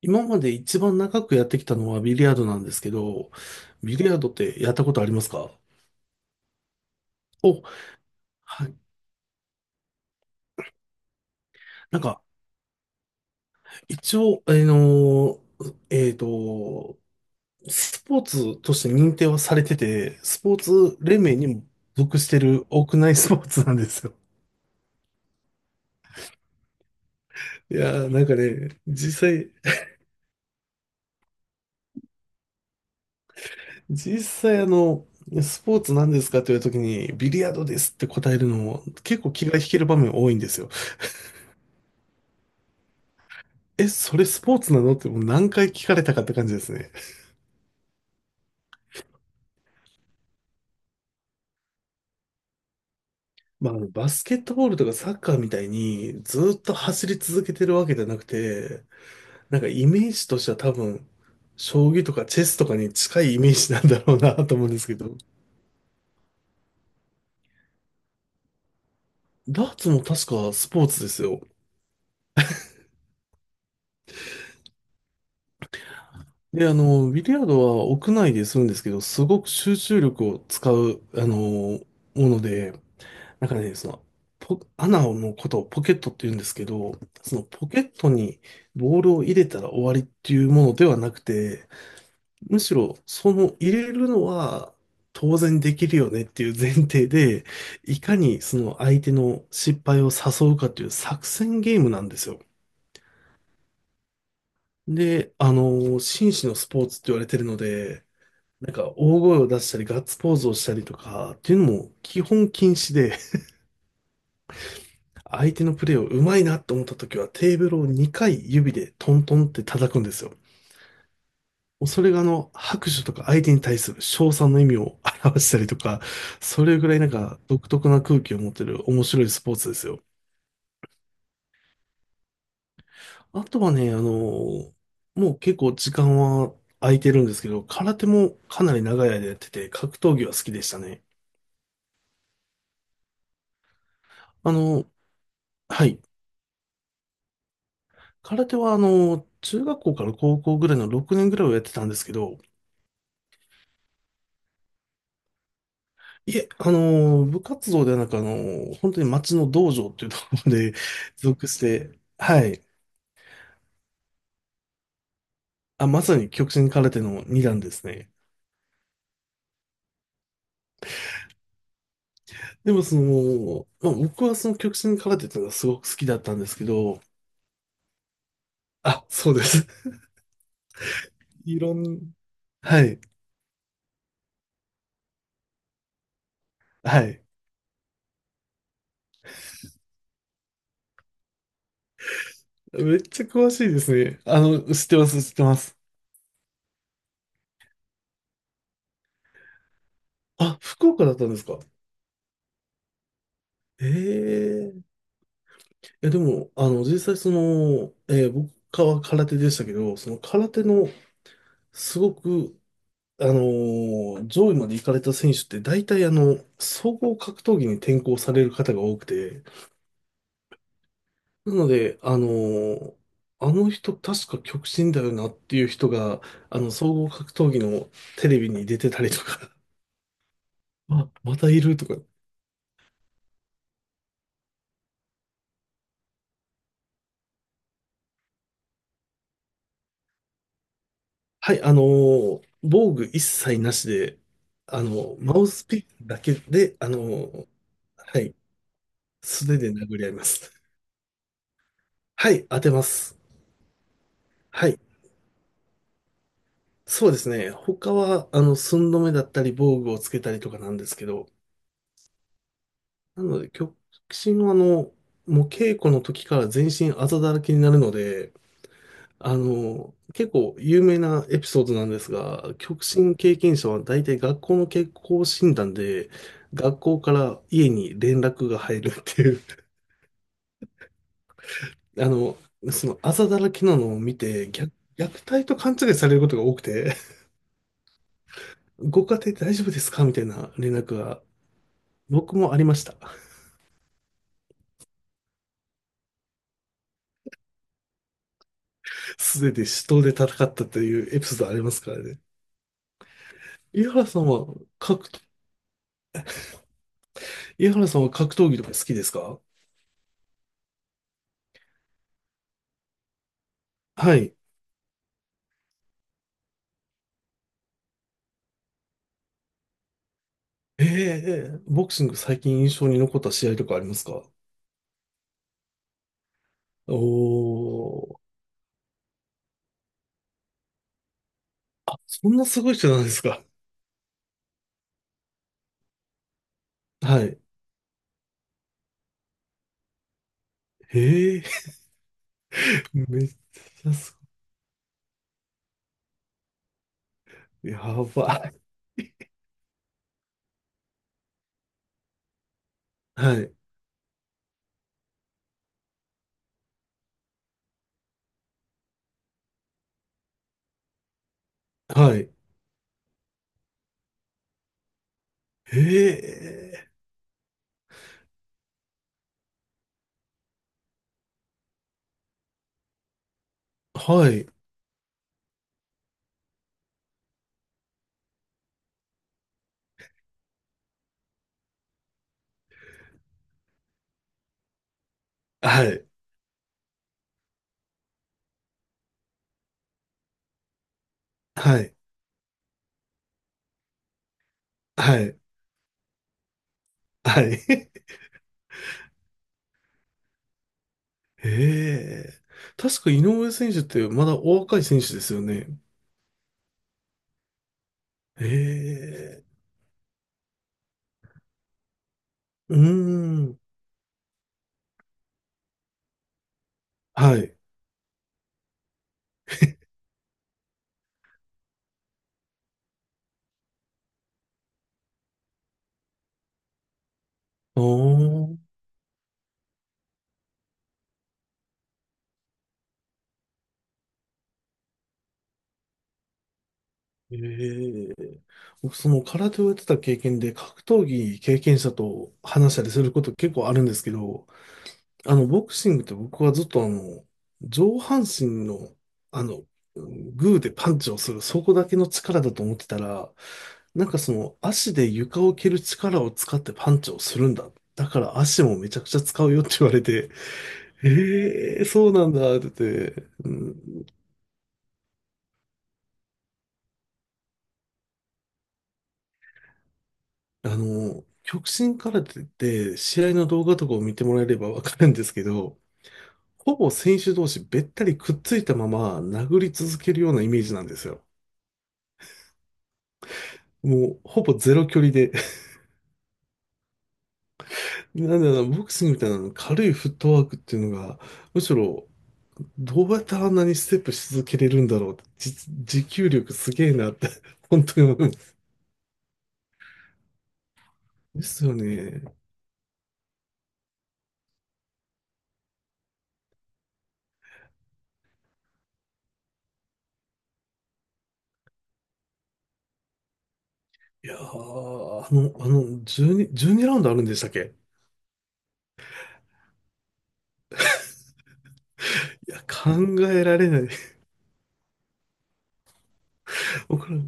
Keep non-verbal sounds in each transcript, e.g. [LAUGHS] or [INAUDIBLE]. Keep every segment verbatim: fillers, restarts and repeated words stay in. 今まで一番長くやってきたのはビリヤードなんですけど、ビリヤードってやったことありますか？お、はい。なんか、一応、あのー、えっと、スポーツとして認定はされてて、スポーツ連盟にも属してる屋内スポーツなんですよ。[LAUGHS] いやー、なんかね、実際、実際あの、スポーツなんですかというときに、ビリヤードですって答えるのも結構気が引ける場面多いんですよ。え、それスポーツなのってもう何回聞かれたかって感じですね。まあ、あのバスケットボールとかサッカーみたいにずっと走り続けてるわけじゃなくて、なんかイメージとしては多分、将棋とかチェスとかに近いイメージなんだろうなと思うんですけど、ダーツも確かスポーツですよ。で、あの、ビリヤードは屋内でするんですけど、すごく集中力を使う、あの、もので、なんかね、その、ポ、穴のことをポケットって言うんですけど、そのポケットにボールを入れたら終わりっていうものではなくて、むしろ、その入れるのは当然できるよねっていう前提で、いかにその相手の失敗を誘うかという作戦ゲームなんですよ。で、あの、紳士のスポーツって言われてるので、なんか大声を出したりガッツポーズをしたりとかっていうのも基本禁止で、相手のプレーをうまいなと思った時はテーブルをにかい指でトントンって叩くんですよ。それがあの、拍手とか相手に対する称賛の意味を表したりとか、それぐらいなんか独特な空気を持ってる面白いスポーツですよ。あとはね、あの、もう結構時間は空いてるんですけど、空手もかなり長い間やってて、格闘技は好きでしたね。あの、はい。空手はあの、中学校から高校ぐらいのろくねんぐらいをやってたんですけど、いえ、あの、部活動ではなく、あの、本当に町の道場っていうところまで属して、はい。あ、まさに極真空手のにだん段ですね。でもその、まあ、僕はその極真空手っていうのがすごく好きだったんですけど、あ、そうです。[LAUGHS] いろん、はい、はい。めっちゃ詳しいですね。あの、知ってます、知ってます。あ、福岡だったんですか。ええ、いや、でも、あの、実際その、えー僕は空手でしたけど、その空手のすごく、あのー上位まで行かれた選手って大体あの、総合格闘技に転向される方が多くて、なので、あのーあの人確か極真だよなっていう人が、あの、総合格闘技のテレビに出てたりとか、[LAUGHS] あ、またいるとか。はい、あのー防具一切なしで、あの、マウスピックだけで、あのーはい、素手で殴り合います。はい、当てます。はい、そうですね。他は、あの、寸止めだったり、防具をつけたりとかなんですけど、なので、極真は、あの、もう稽古の時から全身あざだらけになるので、あの、結構有名なエピソードなんですが、極真経験者は大体学校の健康診断で、学校から家に連絡が入るっていう、[LAUGHS] あの、そのあざだらけなのを見て、虐、虐待と勘違いされることが多くて、[LAUGHS] ご家庭大丈夫ですかみたいな連絡が僕もありました。[LAUGHS] すでに死闘で戦ったというエピソードありますからね。井原さんは格、井原さんは格闘技とか好きですか？はい。ええ、ボクシング最近印象に残った試合とかありますか？おー、そんなすごい人なんですか？はい。ええ。 [LAUGHS] めっちゃすごい。やばい。はい。はい。ええ、はい。はい。はい。はい。はい。[LAUGHS] ええ、確か井上選手ってまだお若い選手ですよね。ええ。うーん。はい。おー。ええ、僕、その空手をやってた経験で、格闘技経験者と話したりすること結構あるんですけど、あの、ボクシングって僕はずっとあの、上半身の、あの、グーでパンチをする、そこだけの力だと思ってたら、なんかその、足で床を蹴る力を使ってパンチをするんだ。だから足もめちゃくちゃ使うよって言われて、ええ、そうなんだって言って、うん。あの、極真空手って試合の動画とかを見てもらえればわかるんですけど、ほぼ選手同士べったりくっついたまま殴り続けるようなイメージなんですよ。もうほぼゼロ距離で。[LAUGHS] なんだろうな、ボクシングみたいなの軽いフットワークっていうのが、むしろどうやったらあんなにステップし続けれるんだろう、じ持久力すげえなって、[LAUGHS] 本当に思うんです。ですよね。いやー、あの、あの、じゅうに、じゅうにラウンドあるんでしたっけ？いや、考えられない。[LAUGHS] 僕ら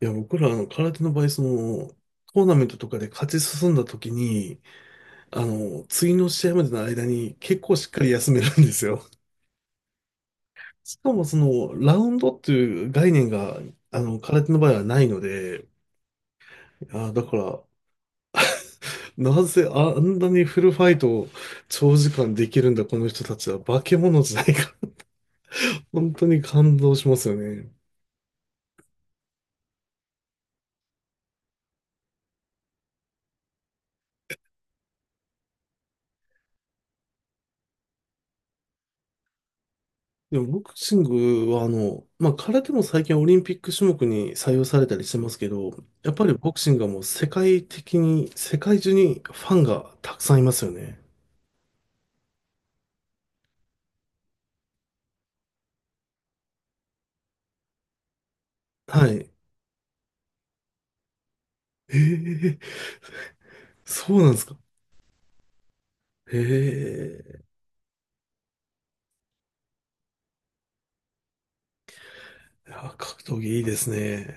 いや、僕ら、あの、空手の場合、その、トーナメントとかで勝ち進んだ時に、あの、次の試合までの間に結構しっかり休めるんですよ。[LAUGHS] しかも、その、ラウンドっていう概念が、あの、空手の場合はないので、あ、だから、なぜあんなにフルファイトを長時間できるんだ、この人たちは。化け物じゃないか。[LAUGHS] 本当に感動しますよね。でもボクシングはあの、まあ、空手も最近オリンピック種目に採用されたりしてますけど、やっぱりボクシングはもう世界的に、世界中にファンがたくさんいますよね。はい。ええ、そうなんですか。ええ、いや格闘技いいですね。